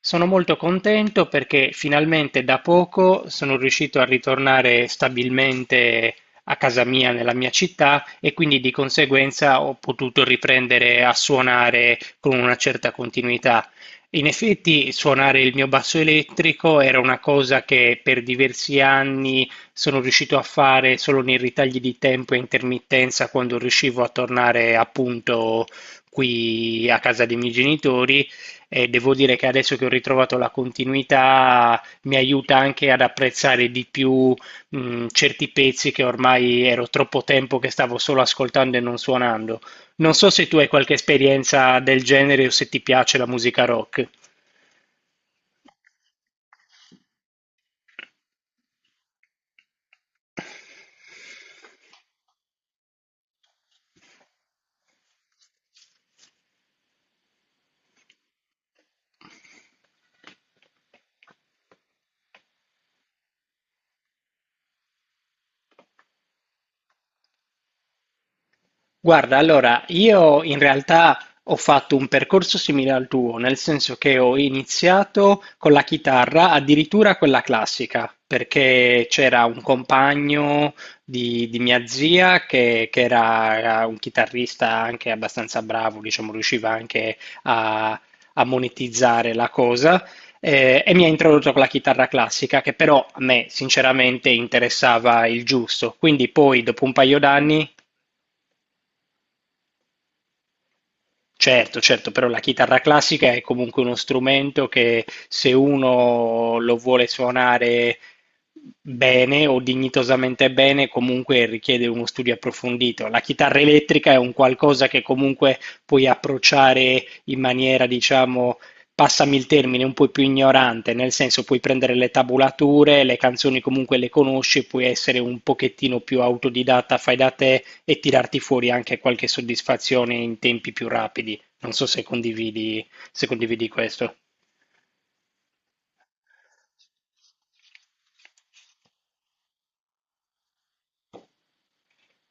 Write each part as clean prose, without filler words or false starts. Sono molto contento perché finalmente da poco sono riuscito a ritornare stabilmente a casa mia, nella mia città, e quindi di conseguenza ho potuto riprendere a suonare con una certa continuità. In effetti, suonare il mio basso elettrico era una cosa che per diversi anni sono riuscito a fare solo nei ritagli di tempo e intermittenza quando riuscivo a tornare appunto qui a casa dei miei genitori e devo dire che adesso che ho ritrovato la continuità mi aiuta anche ad apprezzare di più certi pezzi che ormai ero troppo tempo che stavo solo ascoltando e non suonando. Non so se tu hai qualche esperienza del genere o se ti piace la musica rock. Guarda, allora, io in realtà ho fatto un percorso simile al tuo, nel senso che ho iniziato con la chitarra, addirittura quella classica, perché c'era un compagno di mia zia che era un chitarrista anche abbastanza bravo, diciamo, riusciva anche a, a monetizzare la cosa. E mi ha introdotto con la chitarra classica, che però a me sinceramente interessava il giusto. Quindi poi, dopo un paio d'anni, certo, certo, però la chitarra classica è comunque uno strumento che se uno lo vuole suonare bene o dignitosamente bene, comunque richiede uno studio approfondito. La chitarra elettrica è un qualcosa che comunque puoi approcciare in maniera, diciamo, passami il termine, un po' più ignorante, nel senso puoi prendere le tabulature, le canzoni comunque le conosci, puoi essere un pochettino più autodidatta, fai da te e tirarti fuori anche qualche soddisfazione in tempi più rapidi. Non so se condividi, se condividi questo.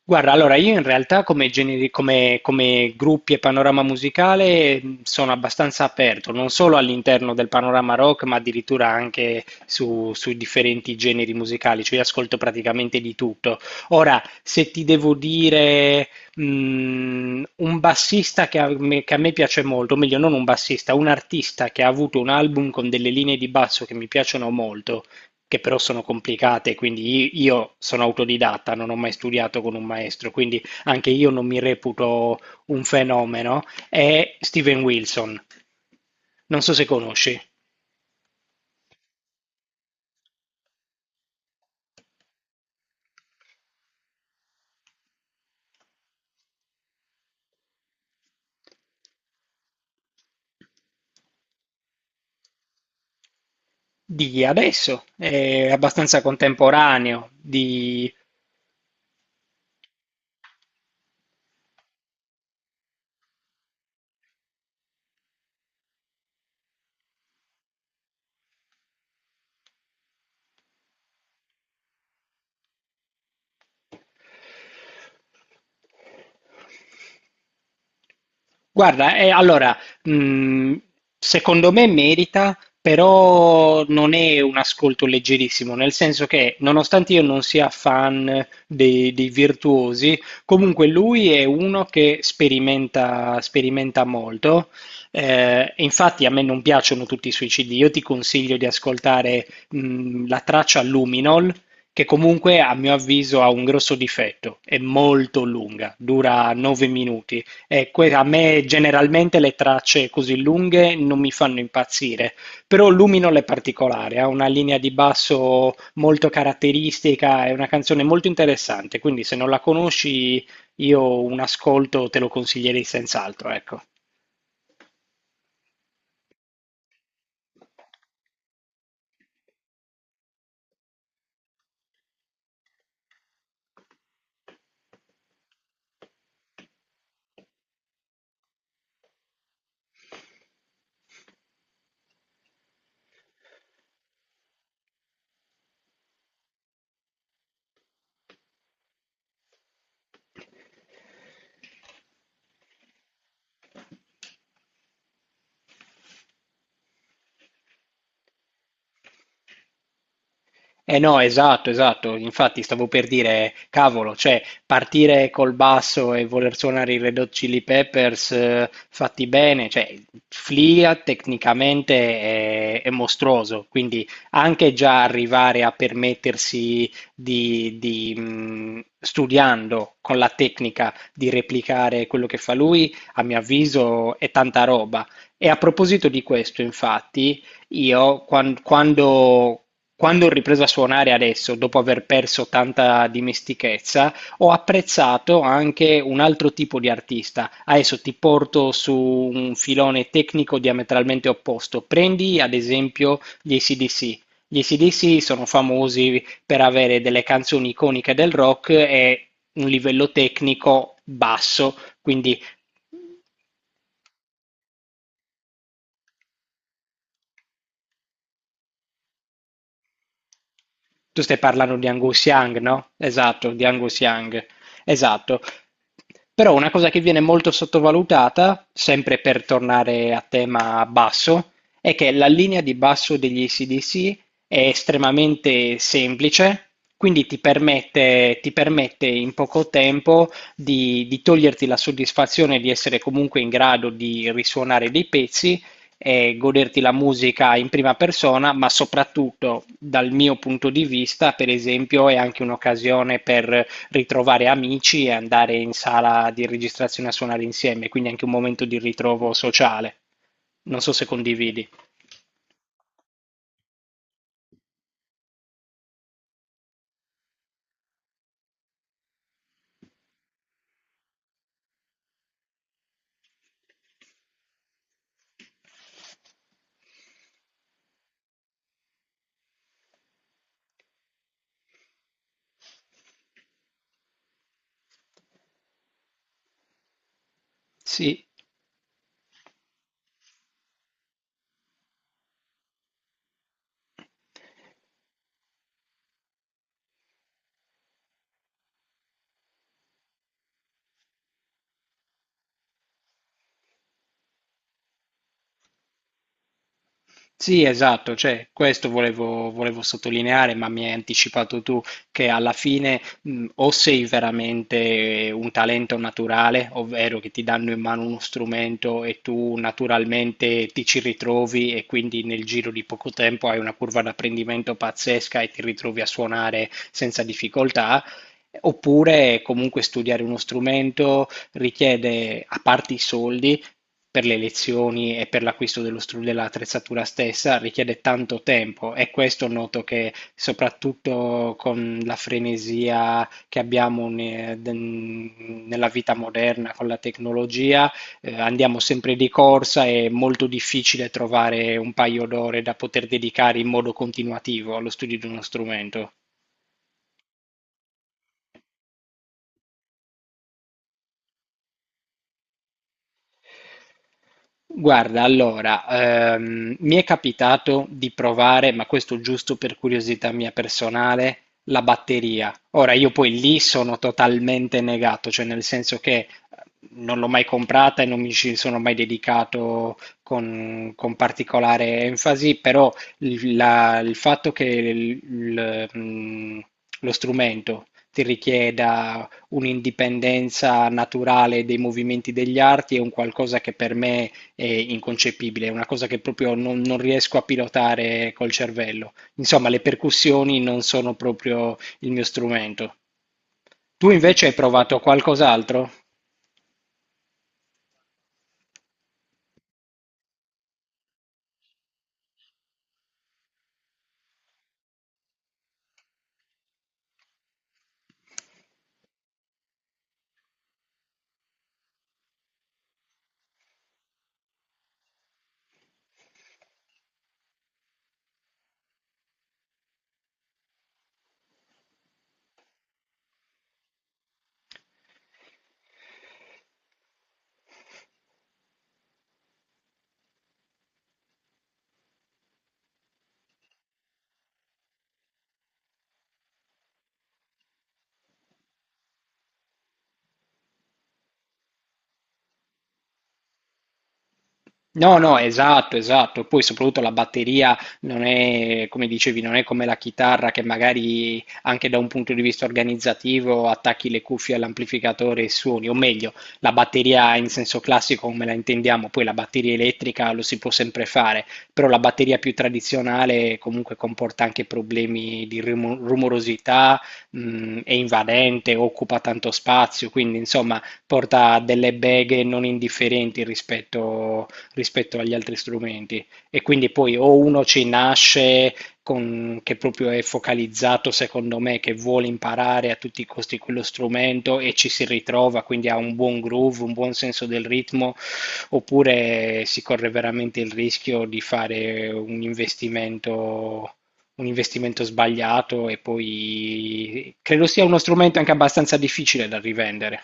Guarda, allora io in realtà come, come come gruppi e panorama musicale, sono abbastanza aperto, non solo all'interno del panorama rock, ma addirittura anche su, su differenti generi musicali, cioè io ascolto praticamente di tutto. Ora, se ti devo dire, un bassista che a me piace molto, o meglio non un bassista, un artista che ha avuto un album con delle linee di basso che mi piacciono molto, che però sono complicate, quindi io sono autodidatta, non ho mai studiato con un maestro, quindi anche io non mi reputo un fenomeno, è Steven Wilson. Non so se conosci, di adesso, è abbastanza contemporaneo, di guarda, allora, mh, secondo me merita, però non è un ascolto leggerissimo, nel senso che nonostante io non sia fan dei virtuosi, comunque lui è uno che sperimenta, sperimenta molto. E infatti a me non piacciono tutti i suoi CD, io ti consiglio di ascoltare, la traccia Luminol, che comunque a mio avviso ha un grosso difetto, è molto lunga, dura 9 minuti. A me generalmente le tracce così lunghe non mi fanno impazzire, però Luminol è particolare, ha una linea di basso molto caratteristica, è una canzone molto interessante, quindi se non la conosci io un ascolto te lo consiglierei senz'altro, ecco. Eh no, esatto, esatto. Infatti stavo per dire, cavolo, cioè partire col basso e voler suonare i Red Hot Chili Peppers fatti bene, cioè Flea tecnicamente è mostruoso, quindi anche già arrivare a permettersi di studiando con la tecnica di replicare quello che fa lui, a mio avviso è tanta roba. E a proposito di questo, infatti... Io quando, quando ho ripreso a suonare adesso, dopo aver perso tanta dimestichezza, ho apprezzato anche un altro tipo di artista. Adesso ti porto su un filone tecnico diametralmente opposto. Prendi ad esempio gli AC/DC. Gli AC/DC sono famosi per avere delle canzoni iconiche del rock e un livello tecnico basso, quindi tu stai parlando di Angus Young, no? Esatto, di Angus Young. Esatto. Però una cosa che viene molto sottovalutata, sempre per tornare a tema basso, è che la linea di basso degli ac è estremamente semplice, quindi ti permette in poco tempo di toglierti la soddisfazione di essere comunque in grado di risuonare dei pezzi e goderti la musica in prima persona, ma soprattutto dal mio punto di vista, per esempio, è anche un'occasione per ritrovare amici e andare in sala di registrazione a suonare insieme, quindi anche un momento di ritrovo sociale. Non so se condividi. Sì. Sì, esatto, cioè, questo volevo, volevo sottolineare, ma mi hai anticipato tu che alla fine, o sei veramente un talento naturale, ovvero che ti danno in mano uno strumento e tu naturalmente ti ci ritrovi e quindi nel giro di poco tempo hai una curva d'apprendimento pazzesca e ti ritrovi a suonare senza difficoltà. Oppure comunque studiare uno strumento richiede, a parte i soldi, per le lezioni e per l'acquisto dello dell'attrezzatura stessa richiede tanto tempo e questo noto che soprattutto con la frenesia che abbiamo nella vita moderna, con la tecnologia, andiamo sempre di corsa, è molto difficile trovare un paio d'ore da poter dedicare in modo continuativo allo studio di uno strumento. Guarda, allora, mi è capitato di provare, ma questo giusto per curiosità mia personale, la batteria. Ora, io poi lì sono totalmente negato, cioè nel senso che non l'ho mai comprata e non mi ci sono mai dedicato con particolare enfasi, però il fatto che lo strumento ti richieda un'indipendenza naturale dei movimenti degli arti è un qualcosa che per me è inconcepibile, è una cosa che proprio non, non riesco a pilotare col cervello. Insomma, le percussioni non sono proprio il mio strumento. Tu invece hai provato qualcos'altro? No, no, esatto, esatto. Poi soprattutto la batteria non è, come dicevi, non è come la chitarra che magari anche da un punto di vista organizzativo attacchi le cuffie all'amplificatore e suoni, o meglio, la batteria in senso classico come la intendiamo, poi la batteria elettrica lo si può sempre fare, però la batteria più tradizionale comunque comporta anche problemi di rumorosità, è invadente, occupa tanto spazio, quindi insomma porta delle beghe non indifferenti rispetto rispetto agli altri strumenti. E quindi poi o uno ci nasce con, che proprio è focalizzato, secondo me, che vuole imparare a tutti i costi quello strumento e ci si ritrova, quindi ha un buon groove, un buon senso del ritmo, oppure si corre veramente il rischio di fare un investimento sbagliato e poi credo sia uno strumento anche abbastanza difficile da rivendere.